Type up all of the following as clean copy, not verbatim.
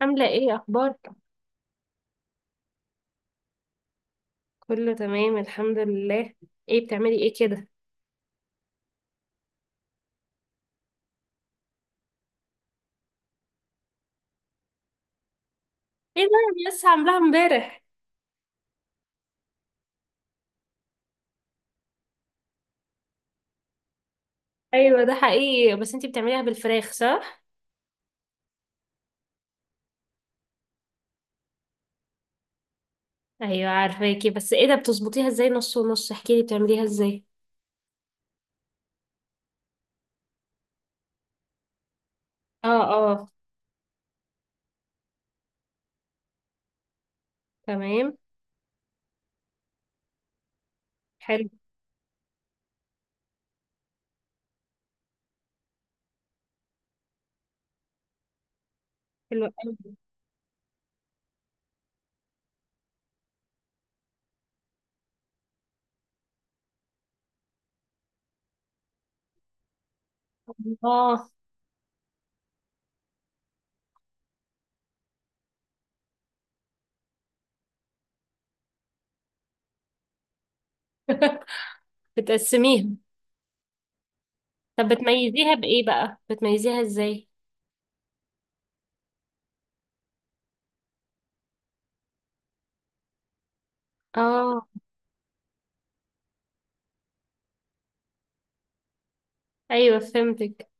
عاملة ايه اخبارك؟ كله تمام الحمد لله. ايه بتعملي ايه كده؟ ايه ده، انا لسه عاملاها امبارح. ايوه ده حقيقي، بس انتي بتعمليها بالفراخ صح؟ ايوه عارفاكي، بس ايه ده بتظبطيها ازاي نص ونص، احكيلي بتعمليها ازاي؟ اه اه. تمام. حلو. حلو قوي. اه. بتقسميها. طب بتميزيها بايه بقى؟ بتميزيها ازاي؟ اه. ايوه فهمتك.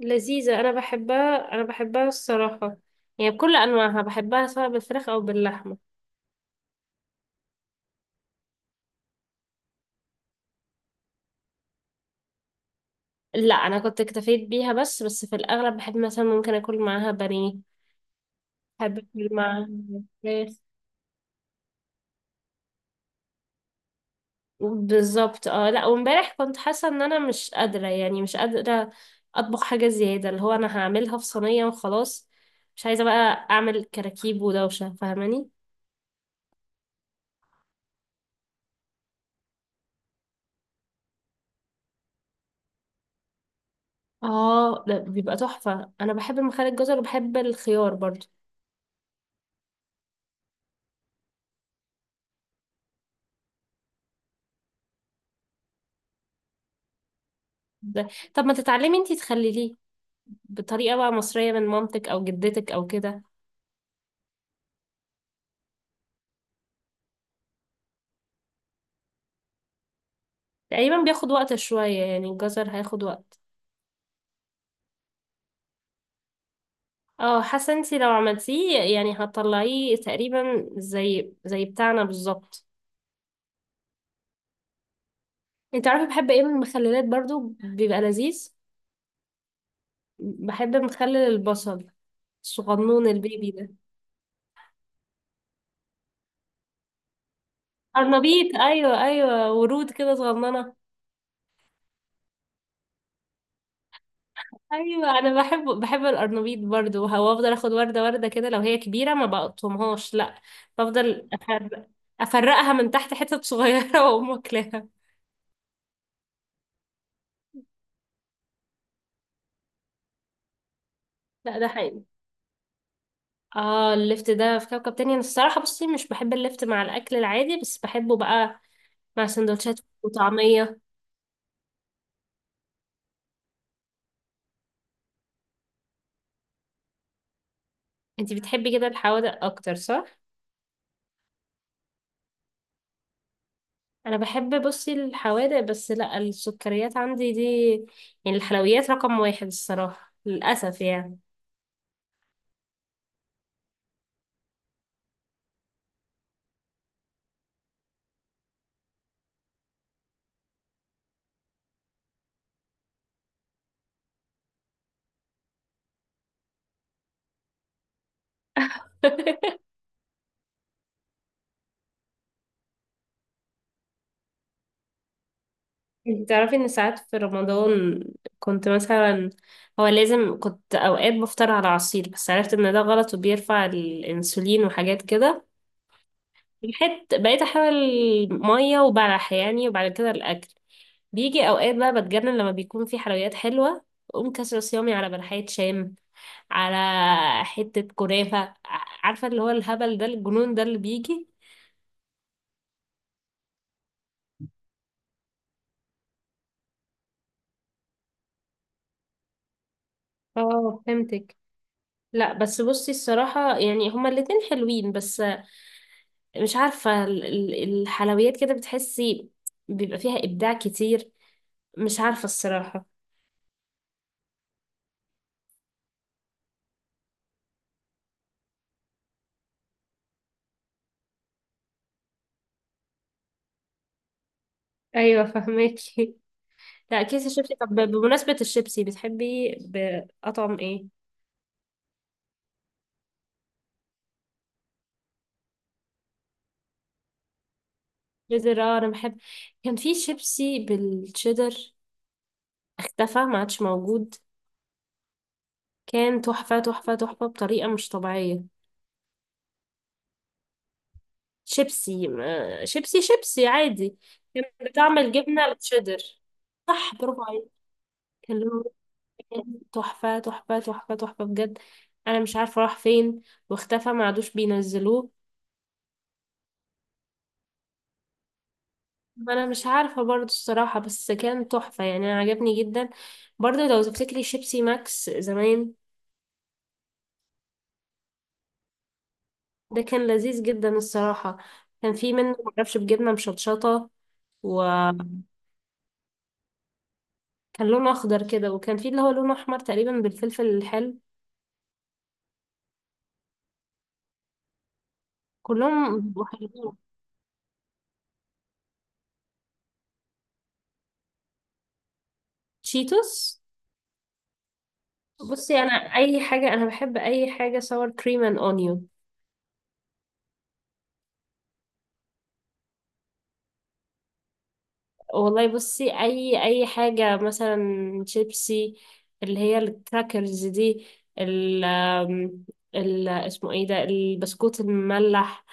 لذيذة، أنا بحبها أنا بحبها الصراحة. يعني بكل أنواعها بحبها، سواء بالفراخ أو باللحمة. لا انا كنت اكتفيت بيها، بس بس في الاغلب بحب مثلا ممكن اكل معاها بانيه. بحب اكل معاها فراخ. بالظبط اه. لا وامبارح كنت حاسه ان انا مش قادره، يعني مش قادره اطبخ حاجه زياده، اللي هو انا هعملها في صينيه وخلاص. مش عايزه بقى اعمل كراكيب ودوشه، فاهماني. اه لا بيبقى تحفه، انا بحب مخلل الجزر وبحب الخيار برضو. ده. طب ما تتعلمي انتي تخلليه بطريقه بقى مصريه، من مامتك او جدتك او كده. تقريبا بياخد وقت شوية، يعني الجزر هياخد وقت. اه، حاسة انتي لو عملتيه يعني هتطلعيه تقريبا زي زي بتاعنا بالظبط. انت عارفة، بحب ايه من المخللات برضو بيبقى لذيذ. بحب مخلل البصل، الصغنون البيبي ده. قرنبيط، ايوه ايوه، ورود كده صغننة. ايوه انا بحب بحب القرنبيط برضو، وافضل اخد وردة وردة كده، لو هي كبيرة ما بقطمهاش، لا. بفضل أفرق- افرقها من تحت حتت صغيرة واقوم واكلاها. لا ده حقيقي. اه الليفت ده في كوكب تاني، انا الصراحة بصي مش بحب الليفت مع الاكل العادي، بس بحبه بقى مع سندوتشات وطعمية. انتي بتحبي كده الحوادق اكتر صح؟ انا بحب بصي الحوادق، بس لا السكريات عندي دي، يعني الحلويات رقم واحد الصراحة، للأسف يعني. انتي تعرفي ان ساعات في رمضان كنت مثلا، هو لازم كنت اوقات بفطر على عصير، بس عرفت ان ده غلط وبيرفع الانسولين وحاجات كده. الحت بقيت احاول ميه وبلح يعني، وبعد كده الاكل بيجي اوقات بقى بتجنن لما بيكون في حلويات حلوه. اقوم كسر صيامي على بلحية شام، على حته كنافه. عارفه اللي هو الهبل ده الجنون ده اللي بيجي. اه فهمتك. لا بس بصي الصراحة يعني هما الاتنين حلوين، بس مش عارفة الحلويات كده بتحسي بيبقى فيها إبداع كتير، مش عارفة الصراحة. ايوه فهماكي لا كيس الشيبسي. طب بمناسبة الشيبسي بتحبي بأطعم ايه؟ شيدر، اه انا بحب. كان في شيبسي بالشيدر، اختفى ما عادش موجود. كان تحفة تحفة تحفة بطريقة مش طبيعية. شيبسي ما- شيبسي شيبسي عادي. كان بطعم الجبنة الشيدر. صح، برافو عليك. كان لونه تحفة تحفة تحفة تحفة بجد. أنا مش عارفة راح فين، واختفى ما عادوش بينزلوه. ما انا مش عارفه برضو الصراحه، بس كان تحفه يعني، انا عجبني جدا. برضو لو تفتكري شيبسي ماكس زمان، ده كان لذيذ جدا الصراحه. كان في منه معرفش بجبنه مشطشطه، وكان لونه اخضر كده، وكان في اللي هو لونه احمر تقريبا بالفلفل الحلو. كلهم بيبقوا حلوين. تشيتوس. بصي انا اي حاجه، انا بحب اي حاجه sour cream and onion. والله بصي، اي حاجه مثلا شيبسي، اللي هي الكراكرز دي، ال آم، اسمه ايه ده، البسكوت المملح،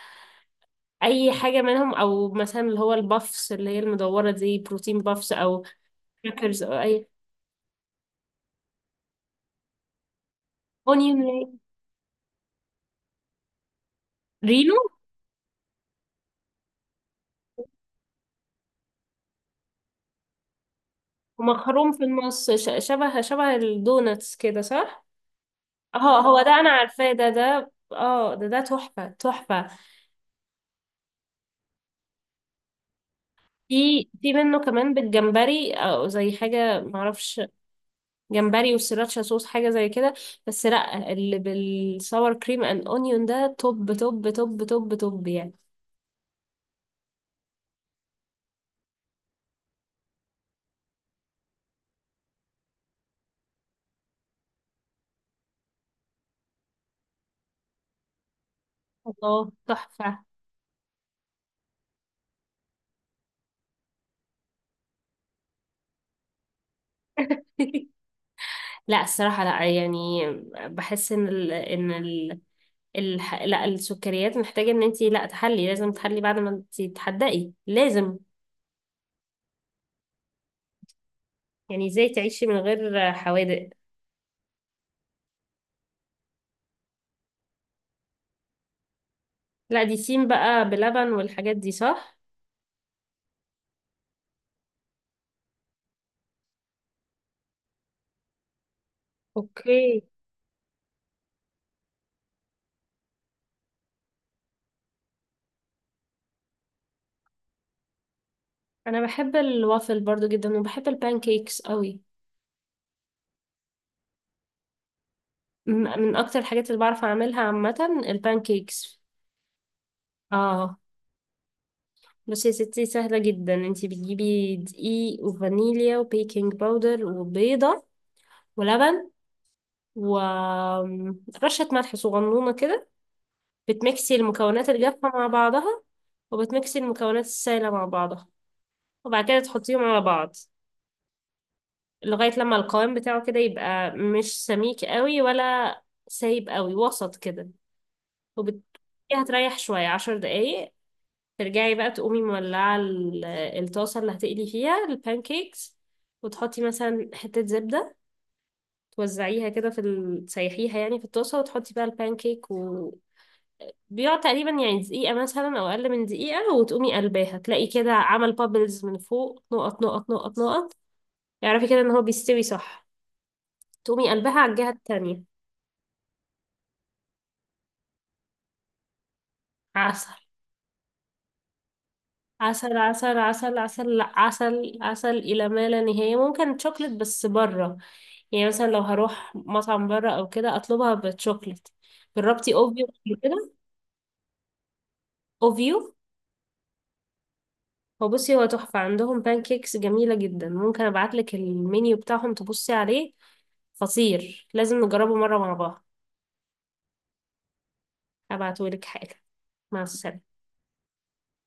اي حاجه منهم. او مثلا اللي هو البافس، اللي هي المدوره دي، بروتين بافس او كراكرز او اي. اونيون رينج. رينو، مخروم في النص، شبه شبه الدوناتس كده صح؟ اه هو ده انا عارفاه، ده اه ده تحفه تحفه. في في منه كمان بالجمبري او زي حاجه معرفش، جمبري والسراتشا صوص حاجة زي كده. بس لا اللي بالصور كريم اند اونيون ده توب توب توب توب توب يعني. الله تحفة. لا الصراحة لا يعني، بحس لا السكريات محتاجة ان انتي لا تحلي، لازم تحلي بعد ما انتي تحدقي لازم. يعني ازاي تعيشي من غير حوادق. لا دي سين بقى بلبن والحاجات دي صح؟ اوكي. انا بحب الوافل برضو جدا، وبحب البانكيكس قوي. من من اكتر الحاجات اللي بعرف اعملها عامه البانكيكس. اه بس يا ستي سهله جدا، انتي بتجيبي دقيق وفانيليا وبيكنج باودر وبيضه ولبن ورشة ملح صغنونة كده. بتمكسي المكونات الجافة مع بعضها، وبتمكسي المكونات السائلة مع بعضها، وبعد كده تحطيهم على بعض لغاية لما القوام بتاعه كده يبقى مش سميك قوي ولا سايب قوي، وسط كده. وبت... هتريح شوية 10 دقايق. ترجعي بقى تقومي مولعة الطاسة اللي هتقلي فيها البانكيكس، وتحطي مثلا حتة زبدة، توزعيها كده في تسيحيها يعني في الطاسة، وتحطي بقى البانكيك، و بيقعد تقريبا يعني دقيقة مثلا أو أقل من دقيقة، وتقومي قلباها تلاقي كده عمل بابلز من فوق، نقط نقط نقط نقط. اعرفي كده إن هو بيستوي صح، تقومي قلبها على الجهة التانية. عسل. عسل عسل عسل عسل، لا عسل عسل إلى ما لا نهاية، ممكن شوكليت بس بره، يعني مثلا لو هروح مطعم بره او كده اطلبها بالشوكليت. جربتي اوفيو قبل كده؟ اوفيو. هو بصي هو تحفه، عندهم بانكيكس جميله جدا، ممكن ابعتلك المنيو بتاعهم تبصي عليه، خطير لازم نجربه مره مع بعض. هبعتهولك حالا. مع السلامه.